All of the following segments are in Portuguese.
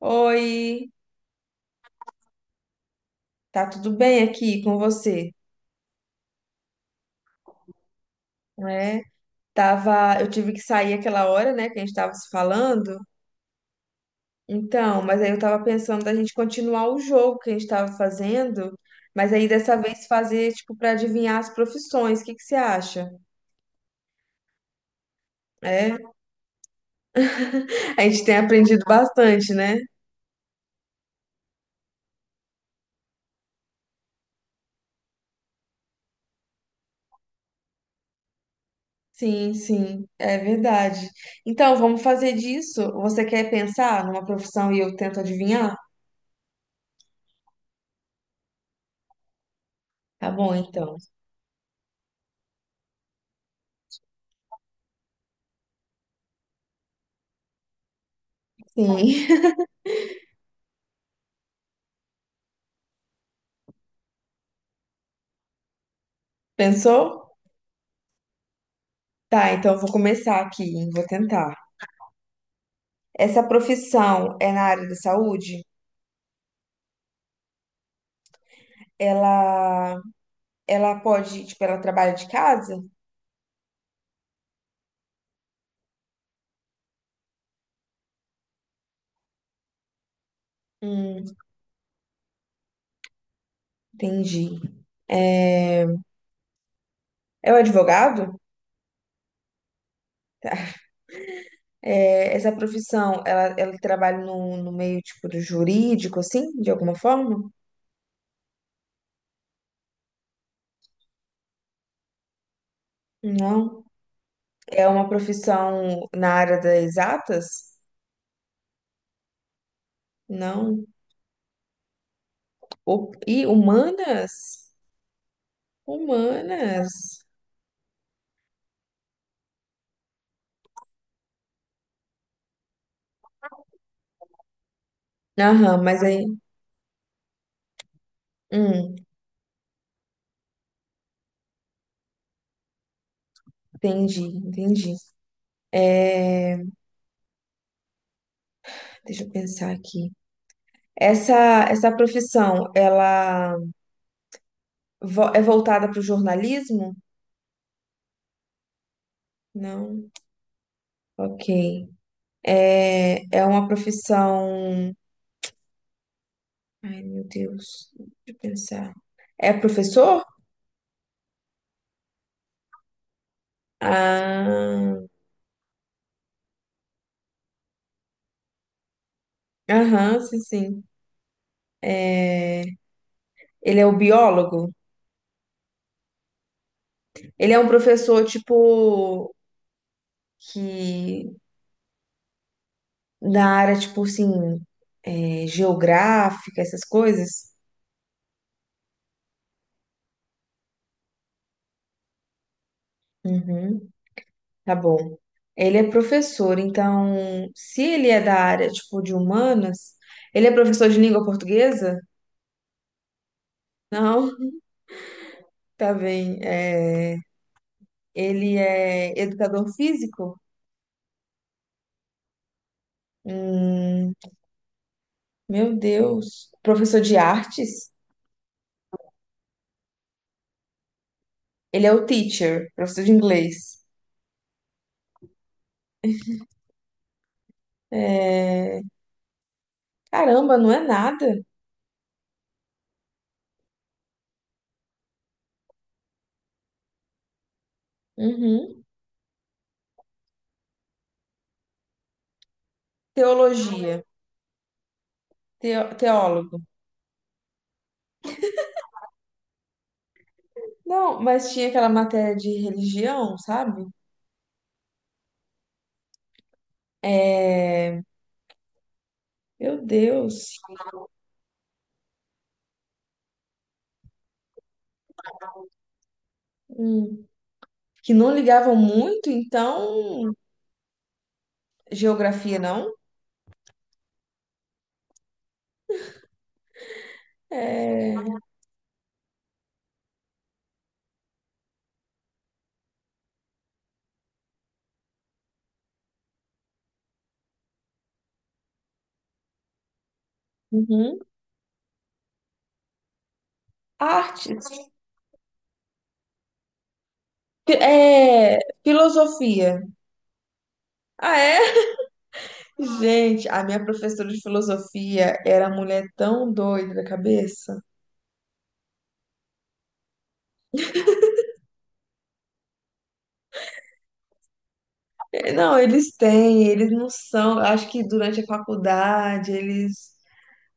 Oi, tá tudo bem aqui com você? É, tava, eu tive que sair aquela hora, né, que a gente tava se falando. Então, mas aí eu tava pensando da gente continuar o jogo que a gente tava fazendo, mas aí dessa vez fazer tipo pra adivinhar as profissões. O que que você acha? É, a gente tem aprendido bastante, né? Sim, sim, é verdade. Então, vamos fazer disso. Você quer pensar numa profissão e eu tento adivinhar? Tá bom, então. Sim. Pensou? Tá, então eu vou começar aqui, hein? Vou tentar. Essa profissão é na área da saúde? Ela, ela pode, tipo, ela trabalha de casa? Hum, entendi. É o advogado? É, essa profissão, ela trabalha no, no meio, tipo, do jurídico, assim, de alguma forma? Não. É uma profissão na área das exatas? Não. O, e humanas? Humanas. Aham, mas aí. Hum, entendi, entendi. É, Deixa eu pensar aqui. Essa profissão, ela é voltada para o jornalismo? Não. Ok. É, é uma profissão. Ai, meu Deus. Deixa eu pensar. É professor? Ah, aham, sim, sim. É, ele é o biólogo? Ele é um professor, tipo, que na área, tipo assim, é, geográfica, essas coisas? Uhum. Tá bom. Ele é professor, então, se ele é da área, tipo, de humanas, ele é professor de língua portuguesa? Não, tá bem. É, ele é educador físico? Hum, meu Deus. Professor de artes? Ele é o teacher, professor de inglês. É, caramba, não é nada. Uhum. Teologia, teólogo. Não, mas tinha aquela matéria de religião, sabe? Meu Deus. Hum. Que não ligavam muito, então, geografia não. Uhum. Artes. Fi- É, filosofia. Ah, é? Gente, a minha professora de filosofia era mulher tão doida da cabeça. É, não, eles têm, eles não são. Acho que durante a faculdade eles.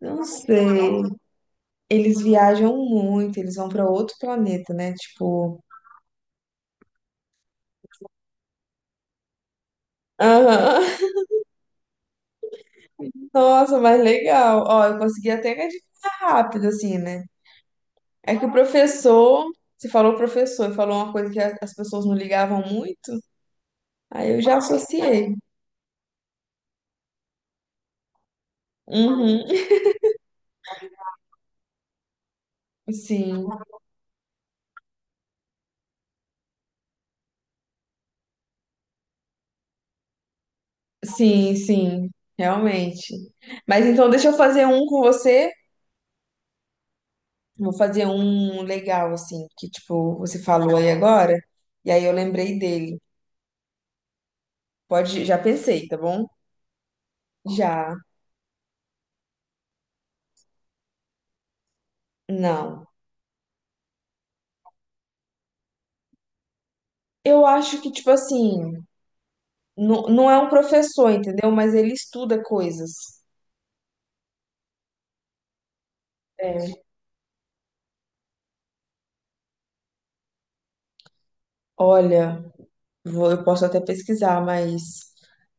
Não sei. Eles viajam muito, eles vão para outro planeta, né? Tipo. Aham. Nossa, mas legal. Ó, eu consegui até que adivinhar rápido, assim, né? É que o professor, você falou professor, falou uma coisa que as pessoas não ligavam muito, aí eu já associei. Uhum. Sim, sim, sim, realmente. Mas então deixa eu fazer um com você. Vou fazer um legal, assim, que tipo, você falou aí agora, e aí eu lembrei dele. Pode, já pensei, tá bom? Já, não. Eu acho que, tipo assim, não, não é um professor, entendeu? Mas ele estuda coisas. É. Olha. Vou, eu posso até pesquisar, mas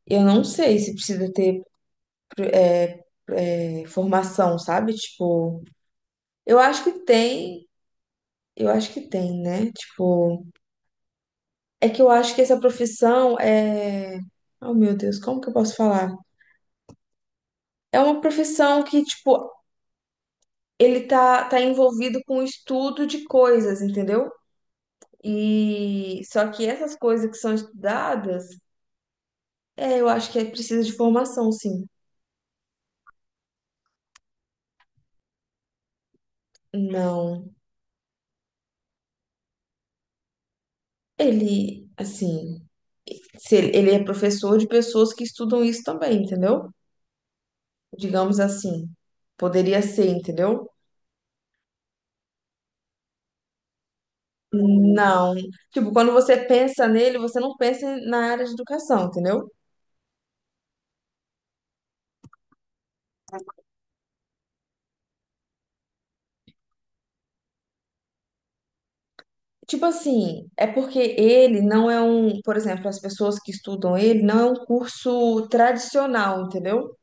eu não sei se precisa ter é, formação, sabe? Tipo, eu acho que tem, eu acho que tem, né? Tipo, é que eu acho que essa profissão é. Oh, meu Deus, como que eu posso falar? É uma profissão que, tipo, ele tá envolvido com o estudo de coisas, entendeu? E só que essas coisas que são estudadas, é, eu acho que é precisa de formação, sim. Não, ele, assim. Se ele é professor de pessoas que estudam isso também, entendeu? Digamos assim. Poderia ser, entendeu? Não. Tipo, quando você pensa nele, você não pensa na área de educação, entendeu? Tipo assim, é porque ele não é um, por exemplo, as pessoas que estudam ele não é um curso tradicional, entendeu?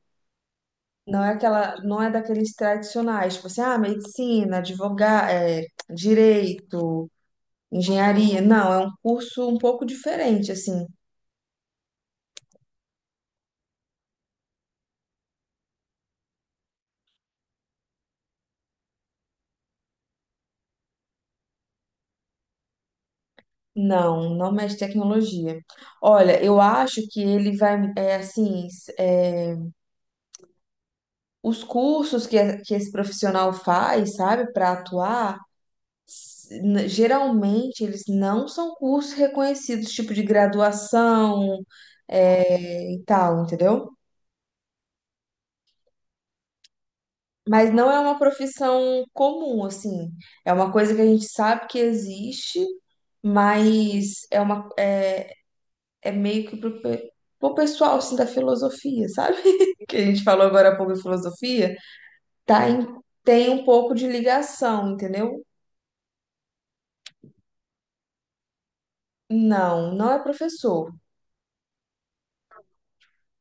Não é aquela, não é daqueles tradicionais, tipo assim, ah, medicina, advogado, direito, engenharia. Não, é um curso um pouco diferente, assim. Não, não mexe tecnologia. Olha, eu acho que ele vai, é assim, os cursos que, que esse profissional faz, sabe, para atuar, geralmente eles não são cursos reconhecidos, tipo de graduação, é, e tal, entendeu? Mas não é uma profissão comum, assim. É uma coisa que a gente sabe que existe, mas é uma, é, é meio que pro pessoal assim, da filosofia, sabe? Que a gente falou agora há pouco em filosofia, tá em- tem um pouco de ligação, entendeu? Não, não é professor.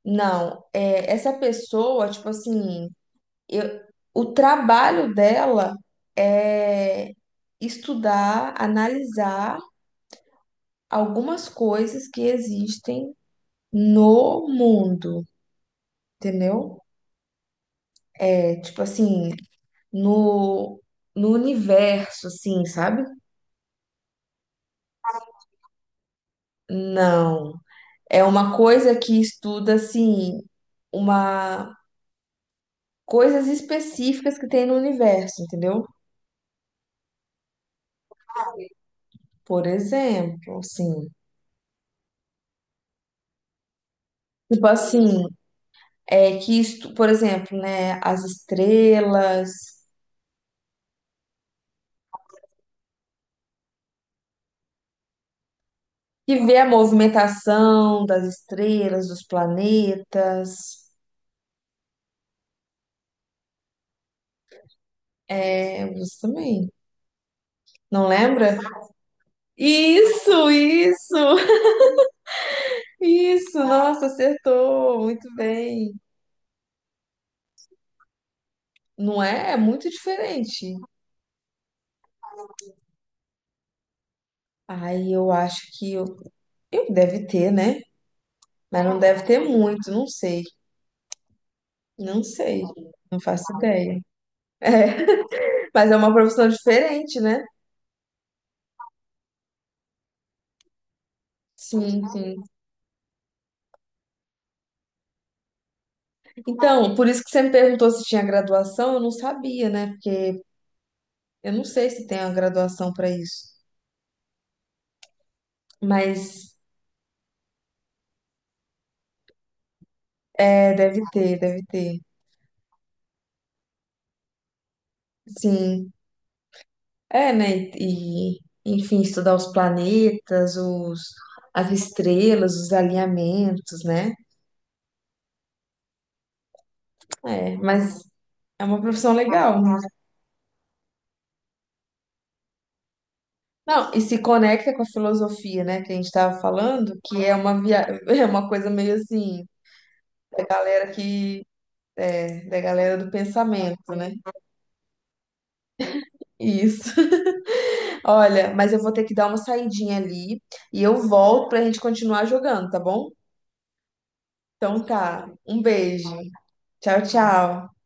Não, é essa pessoa, tipo assim, eu, o trabalho dela é estudar, analisar algumas coisas que existem no mundo, entendeu? É tipo assim, no, no universo, assim, sabe? Não. É uma coisa que estuda, assim, uma coisas específicas que tem no universo, entendeu? Por exemplo, assim, tipo assim, é que estu... por exemplo, né, as estrelas, que vê a movimentação das estrelas, dos planetas. É, você também. Não lembra? Isso, isso. Nossa, acertou. Muito bem. Não é? É muito diferente. Ai eu acho que eu deve ter, né? Mas não deve ter muito, não sei. Não sei. Não faço ideia. É, mas é uma profissão diferente, né? Sim, sim. Então, por isso que você me perguntou se tinha graduação, eu não sabia, né? Porque eu não sei se tem uma graduação para isso. Mas é, deve ter, deve ter. Sim. É, né? E, enfim, estudar os planetas, os, as estrelas, os alinhamentos, né? É, mas é uma profissão legal. Não, e se conecta com a filosofia, né, que a gente estava falando, que é uma via... é uma coisa meio assim, da galera que é, da galera do pensamento, né? Isso. Olha, mas eu vou ter que dar uma saidinha ali e eu volto pra gente continuar jogando, tá bom? Então tá. Um beijo. Tchau, tchau.